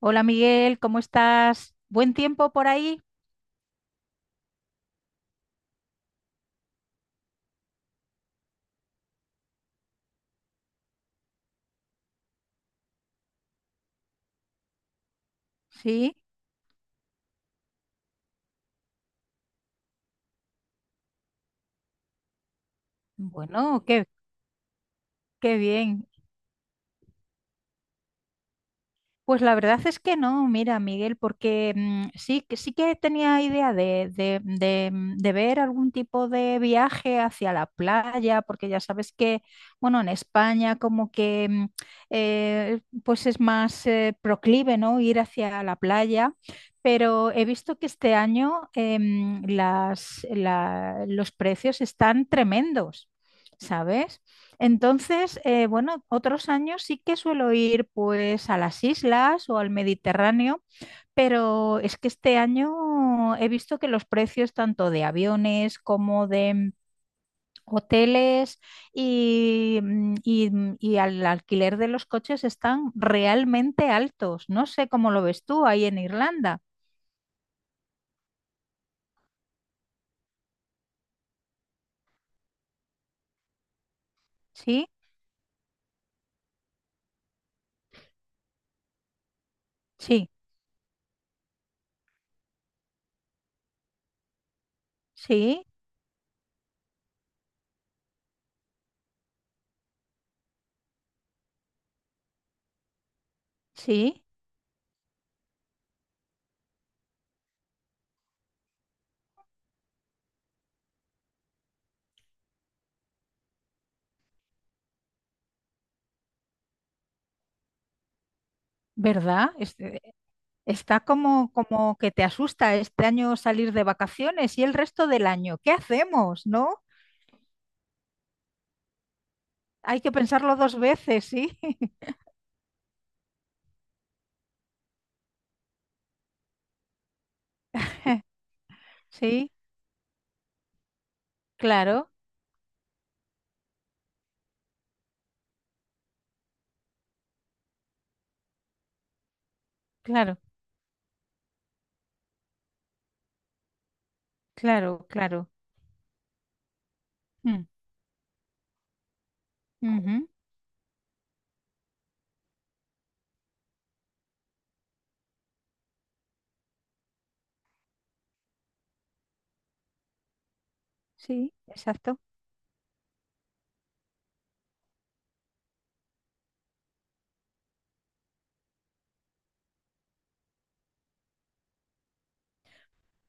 Hola Miguel, ¿cómo estás? ¿Buen tiempo por ahí? Sí, bueno, qué bien. Pues la verdad es que no, mira, Miguel, porque sí que tenía idea de ver algún tipo de viaje hacia la playa, porque ya sabes que, bueno, en España como que pues es más proclive, ¿no? Ir hacia la playa, pero he visto que este año los precios están tremendos, ¿sabes? Entonces, bueno, otros años sí que suelo ir pues a las islas o al Mediterráneo, pero es que este año he visto que los precios tanto de aviones como de hoteles y al alquiler de los coches están realmente altos. No sé cómo lo ves tú ahí en Irlanda. Sí, sí, sí, sí, ¿verdad? Está como que te asusta este año salir de vacaciones y el resto del año. ¿Qué hacemos, no? Hay que pensarlo dos veces, sí. Sí, claro, claro, claro, claro. Mm, ujú, sí, exacto.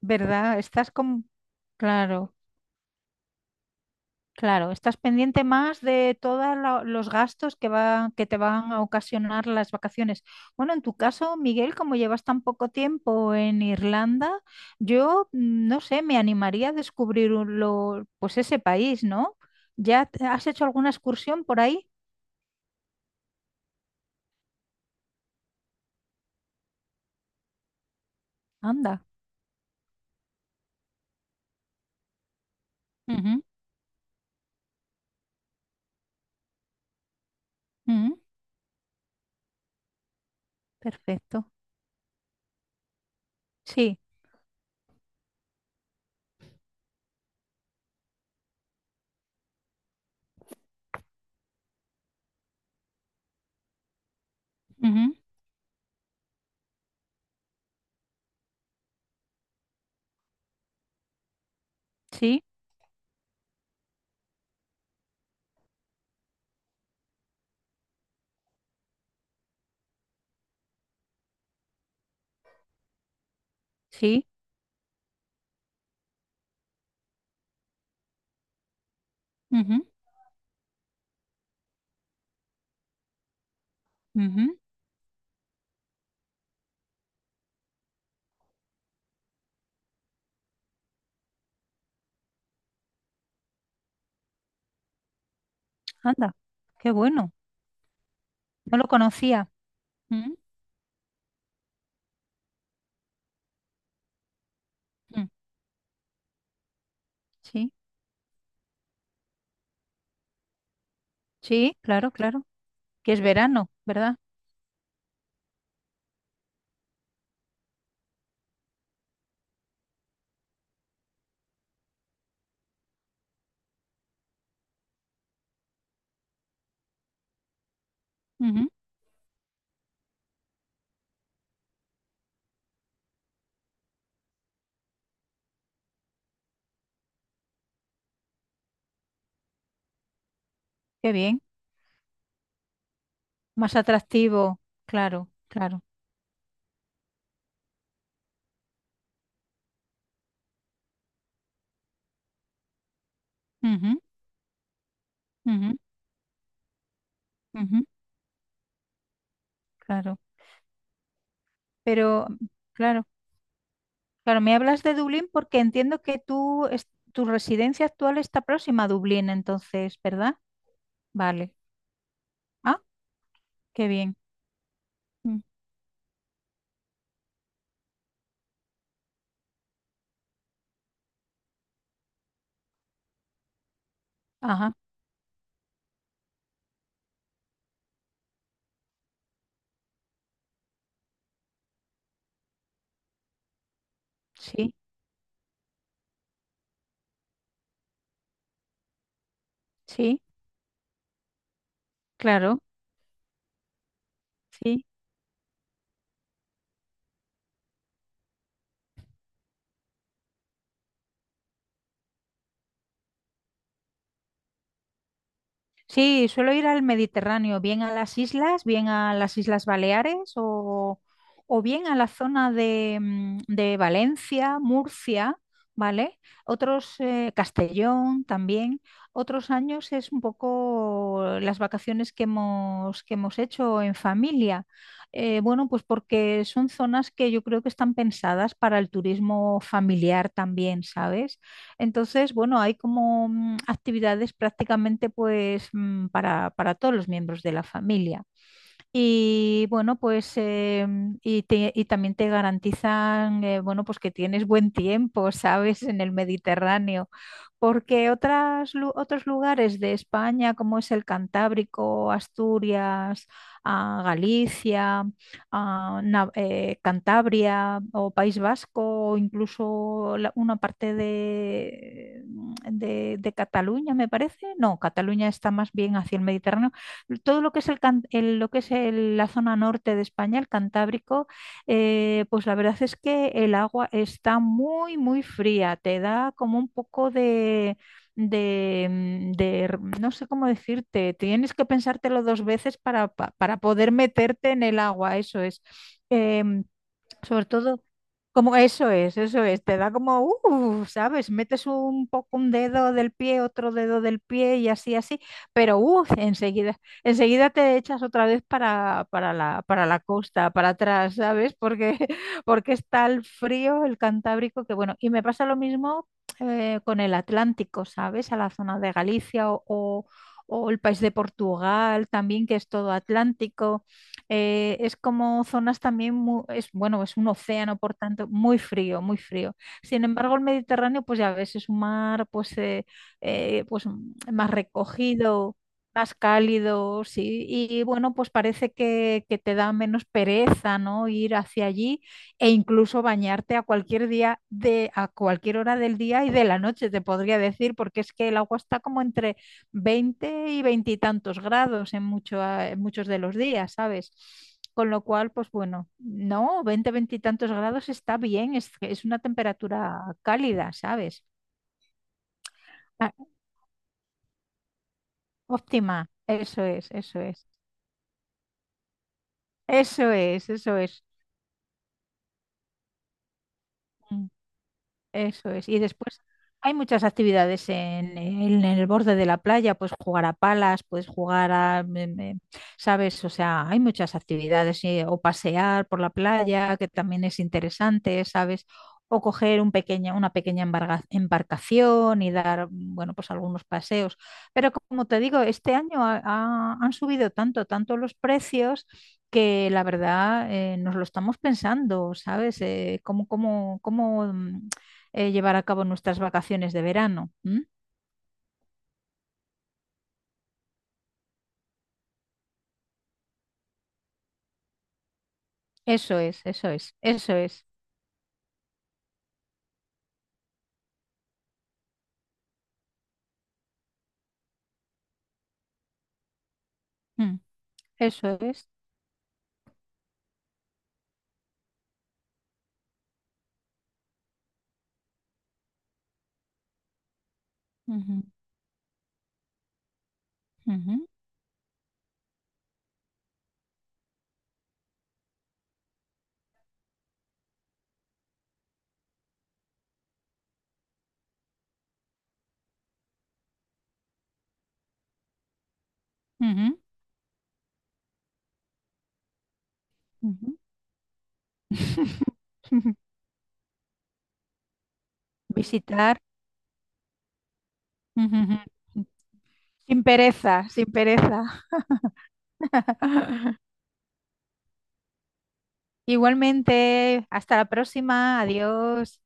¿Verdad? Estás como... Claro. Claro, estás pendiente más de todos los gastos que te van a ocasionar las vacaciones. Bueno, en tu caso, Miguel, como llevas tan poco tiempo en Irlanda, yo no sé, me animaría a descubrir pues ese país, ¿no? ¿Ya has hecho alguna excursión por ahí? Anda. Ujú, ujú, perfecto. Sí, ujú, sí, sí, ujú, ujú, anda, qué bueno. No lo conocía. Ujú, ujú, sí, sí, claro, claro. Que es verano, ¿verdad? Ujú, qué bien, más atractivo, claro, claro. Ujú, ujú, ujú, claro. Pero, claro, claro, me hablas de Dublín porque entiendo que tú, tu residencia actual está próxima a Dublín, entonces, ¿verdad? Vale. Ah, qué bien. Mm, ajá, sí, sí, claro, sí. Sí, suelo ir al Mediterráneo, bien a las islas, bien a las Islas Baleares o bien a la zona de Valencia, Murcia, ¿vale? Otros, Castellón también. Otros años es un poco las vacaciones que hemos hecho en familia. Bueno, pues porque son zonas que yo creo que están pensadas para el turismo familiar también, ¿sabes? Entonces, bueno, hay como actividades prácticamente pues para todos los miembros de la familia. Y bueno, pues y también te garantizan, bueno, pues que tienes buen tiempo, ¿sabes? En el Mediterráneo, porque otros lugares de España, como es el Cantábrico, Asturias, ah, Galicia, ah, Cantabria o País Vasco, o incluso una parte de, de Cataluña, me parece. No, Cataluña está más bien hacia el Mediterráneo, todo lo que es el, can- el- lo que es el- la zona norte de España, el Cantábrico, pues la verdad es que el agua está muy, muy fría, te da como un poco de, mm, de r- no sé cómo decirte, tienes que pensártelo dos veces para, para poder meterte en el agua, eso es. Em, sobre todo como eso es, te da como, ¿sabes? Metes un poco un dedo del pie, otro dedo del pie y así, así, pero enseguida te echas otra vez para la costa, para atrás, ¿sabes? Porque, porque está el frío, el Cantábrico, que bueno, y me pasa lo mismo con el Atlántico, ¿sabes? A la zona de Galicia o, o el país de Portugal también, que es todo Atlántico. Es como zonas también, es, bueno, es un océano, por tanto, muy frío, muy frío. Sin embargo, el Mediterráneo, pues ya ves, es un mar pues más recogido, más cálido, sí. Y bueno, pues parece que te da menos pereza, ¿no? Ir hacia allí e incluso bañarte a cualquier día de, a cualquier hora del día y de la noche, te podría decir, porque es que el agua está como entre 20 y 20 y tantos grados en muchos de los días, ¿sabes? Con lo cual, pues bueno, no, 20, tantos grados está bien, es una temperatura cálida, ¿sabes? Ah, óptima, eso es, eso es, eso es, eso es. Eso es. Y después hay muchas actividades en el borde de la playa, puedes jugar a palas, puedes jugar a, me- me- ¿sabes? O sea, hay muchas actividades, o pasear por la playa, que también es interesante, ¿sabes? O coger un pequeña, una pequeña embarcación y dar, bueno, pues algunos paseos. Pero como te digo, este año ha- ha- han subido tanto, tanto los precios que la verdad nos lo estamos pensando, ¿sabes? ¿Cómo llevar a cabo nuestras vacaciones de verano? ¿M? Eso es, eso es, eso es, mm, eso es. Ujú, ujú, ujú, ujú. Visitar. Ujú, ujú. Sin pereza, sin pereza. Igualmente, hasta la próxima. Adiós.